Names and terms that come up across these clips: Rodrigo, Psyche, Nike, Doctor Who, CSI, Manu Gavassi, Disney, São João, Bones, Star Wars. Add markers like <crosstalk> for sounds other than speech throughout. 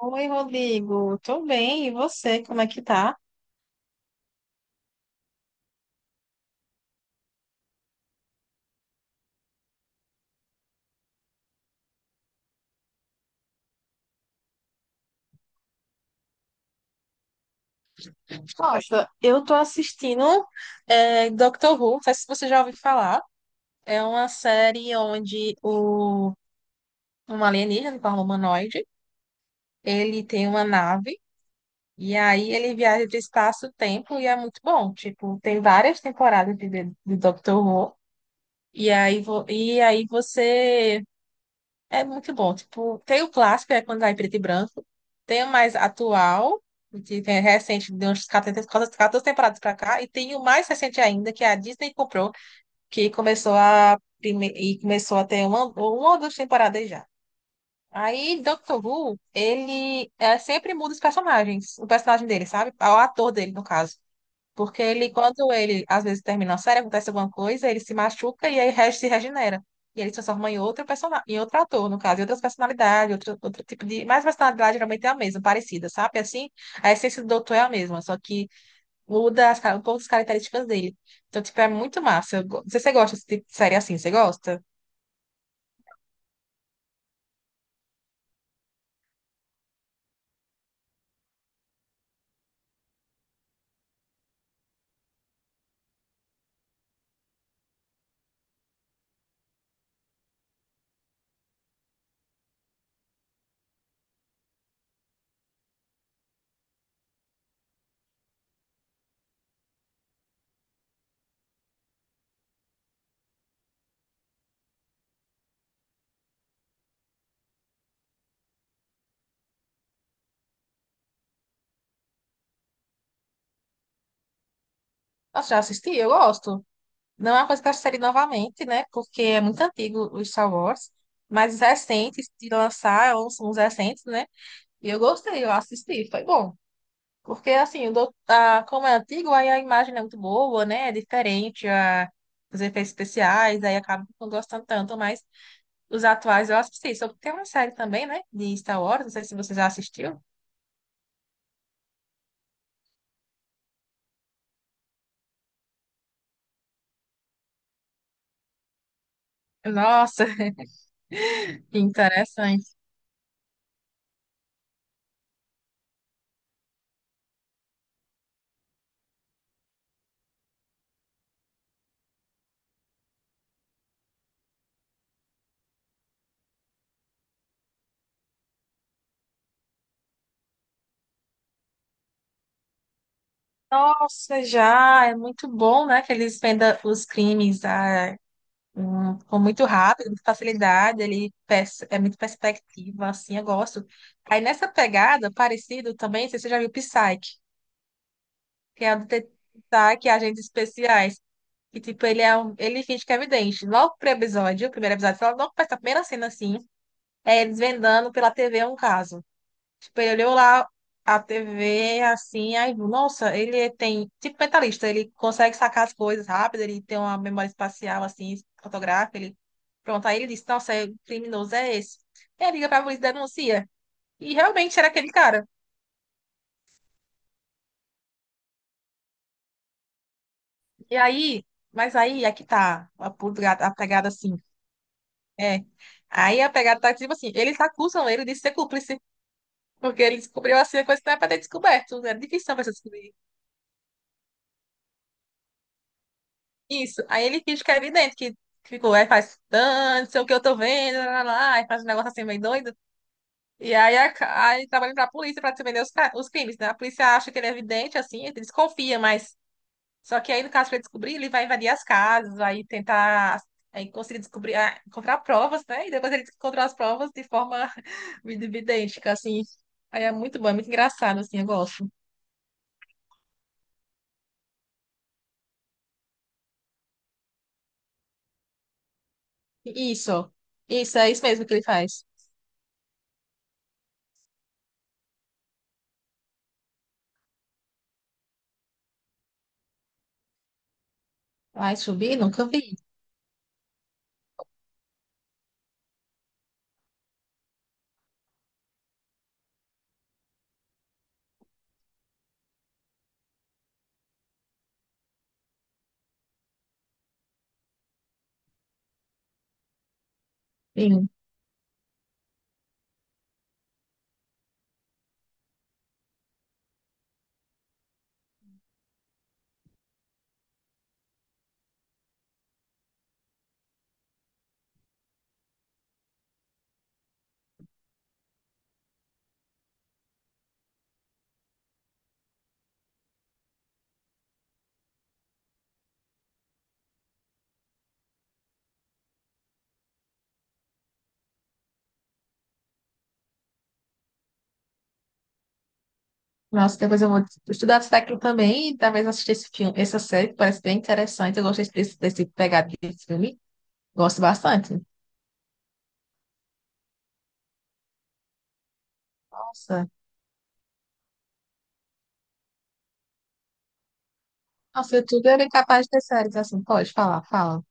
Oi, Rodrigo. Tô bem. E você, como é que tá? Nossa, eu tô assistindo Doctor Who. Não sei se você já ouviu falar. É uma série onde um alienígena, um humanoide, ele tem uma nave e aí ele viaja de espaço-tempo e é muito bom. Tipo, tem várias temporadas de Doctor Who. E aí, vo- e aí você É muito bom. Tipo, tem o clássico, é quando vai em preto e branco. Tem o mais atual, que tem recente, 14 temporadas pra cá. E tem o mais recente ainda, que é a Disney comprou, que começou e começou a ter uma ou duas temporadas já. Aí, Doctor Who, ele é, sempre muda os personagens, o personagem dele, sabe? O ator dele, no caso. Porque ele, quando ele, às vezes, termina a série, acontece alguma coisa, ele se machuca e aí se regenera. E ele se transforma em outro personagem, em outro ator, no caso, em outras personalidades, outro, outro tipo de. Mas a personalidade geralmente é a mesma, parecida, sabe? Assim, a essência do doutor é a mesma, só que muda um pouco as características dele. Então, tipo, é muito massa. Não sei se você gosta desse tipo de série assim, você gosta? Nossa, já assisti? Eu gosto. Não é uma coisa que eu assistiria novamente, né? Porque é muito antigo o Star Wars. Mas os recentes, de lançar, uns recentes, né? E eu gostei, eu assisti, foi bom. Porque, assim, como é antigo, aí a imagem não é muito boa, né? É diferente, a, os efeitos especiais, aí acaba não gostando tanto, mas os atuais eu assisti. Só que tem uma série também, né? De Star Wars, não sei se você já assistiu. Nossa, <laughs> que interessante. Nossa, já, é muito bom, né? Que eles vendam os crimes, a ficou muito rápido, com facilidade, é muito perspectiva, assim, eu gosto. Aí nessa pegada, parecido também, não sei se você já viu Psyche, que é o detetive Psyche, agentes especiais, que tipo, ele finge que é vidente. Logo pro episódio, o primeiro episódio, sei lá, logo parece primeira cena, assim, é ele desvendando pela TV um caso. Tipo, ele olhou lá a TV, assim, aí, nossa, ele tem, tipo, mentalista, ele consegue sacar as coisas rápido, ele tem uma memória espacial, assim, fotográfica, ele, pronto, aí ele disse, nossa, é, o criminoso é esse. E aí liga pra polícia e denuncia. E realmente era aquele cara. E aí, mas aí, é que tá a pegada, assim, é. Aí a pegada tá, tipo assim, eles acusam ele de ser cúmplice, porque ele descobriu, assim, a coisa que não é pra ter descoberto, era difícil pra você descobrir. Isso. Aí ele finge que é evidente que ficou, aí faz tanto, não sei o que eu tô vendo, lá, lá, lá", aí faz um negócio assim meio doido. E aí, aí trabalha pra polícia pra defender os crimes, né? A polícia acha que ele é evidente, assim, ele desconfia, mas. Só que aí, no caso, pra ele descobrir, ele vai invadir as casas, vai tentar. Aí conseguir descobrir, ah, encontrar provas, né? E depois ele encontrou as provas de forma <laughs> idêntica, assim. Aí é muito bom, é muito engraçado, assim, eu gosto. Isso, isso, é isso mesmo que ele faz. Ai, subir? Nunca vi. Nossa, depois eu vou estudar isso daqui também e talvez assistir esse filme, essa série que parece bem interessante. Eu gostei desse pegado de filme. Gosto bastante. Nossa. Nossa, o YouTube era capaz de ter séries assim. Pode falar, fala.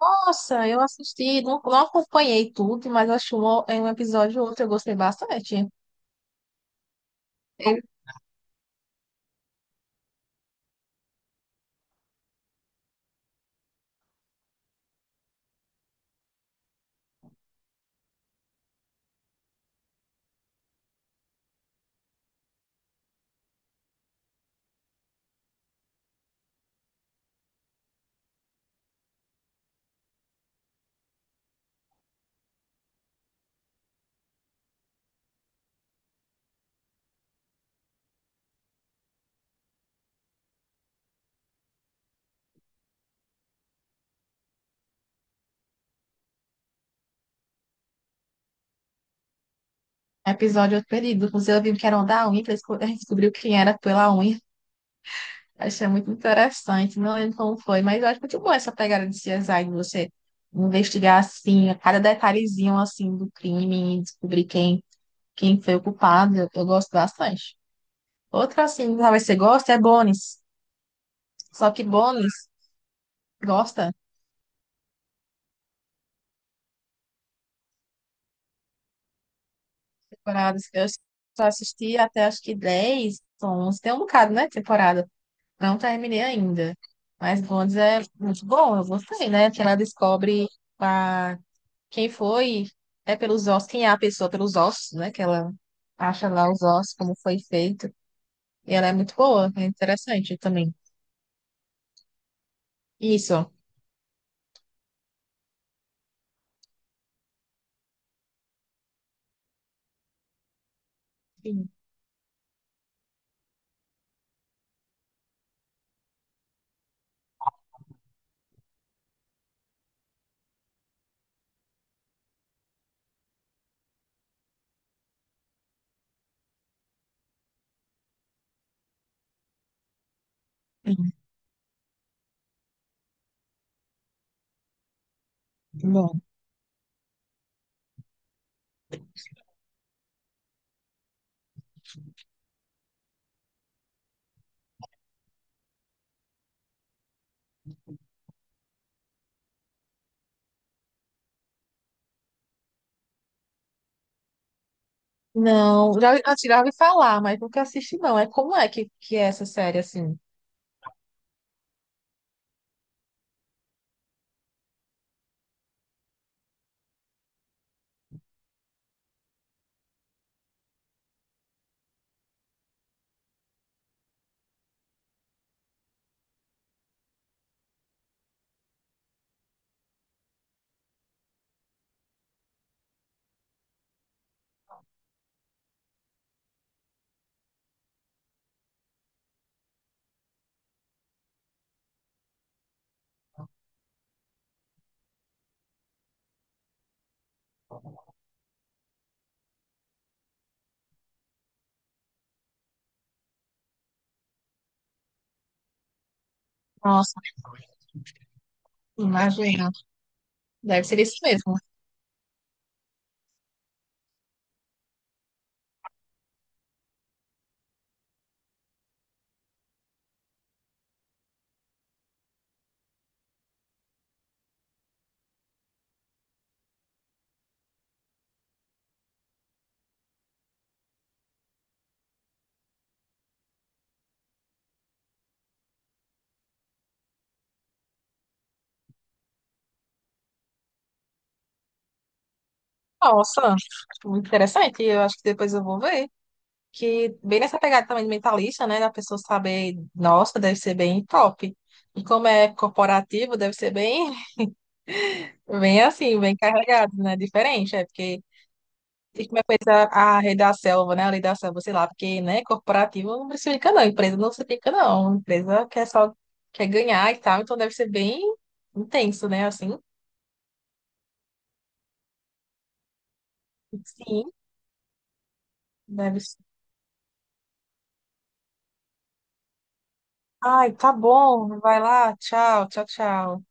Nossa, eu assisti, não, não acompanhei tudo, mas acho um, em um episódio ou outro eu gostei bastante. Tem um episódio perdido. Inclusive, eu vi que era um da unha, <laughs> descobriu quem era pela unha. Achei muito interessante, não lembro como foi, mas eu acho muito bom essa pegada de CSI, de você investigar assim, a cada detalhezinho assim do crime, e descobrir quem foi o culpado, eu gosto bastante. Outra assim, talvez você gosta, é Bones. Só que Bones gosta de temporadas. Eu só assisti até acho que 10, 11, tem um bocado, né, temporada. Não terminei ainda. Mas Bones é muito bom, eu gostei, né, que ela descobre a Quem foi é pelos ossos, quem é a pessoa pelos ossos, né? Que ela acha lá os ossos, como foi feito. E ela é muito boa, é interessante também. Isso. Sim. Sim. Bom. Não, já, assim, já ouvi falar, mas nunca assisti, não. É como é que é essa série, assim? Nossa, imagina. Deve ser isso mesmo. Nossa, muito interessante. Eu acho que depois eu vou ver. Que bem nessa pegada também de mentalista, né, da pessoa saber, nossa, deve ser bem top. E como é corporativo, deve ser bem, bem assim, bem carregado, né, diferente, é porque e como é coisa a rede da selva, né, a lei da selva, sei lá, porque, né, corporativo não precifica não, empresa não precifica não, empresa quer só, quer ganhar e tal, então deve ser bem intenso, né, assim, sim, deve ser. Ai, tá bom, vai lá, tchau, tchau, tchau.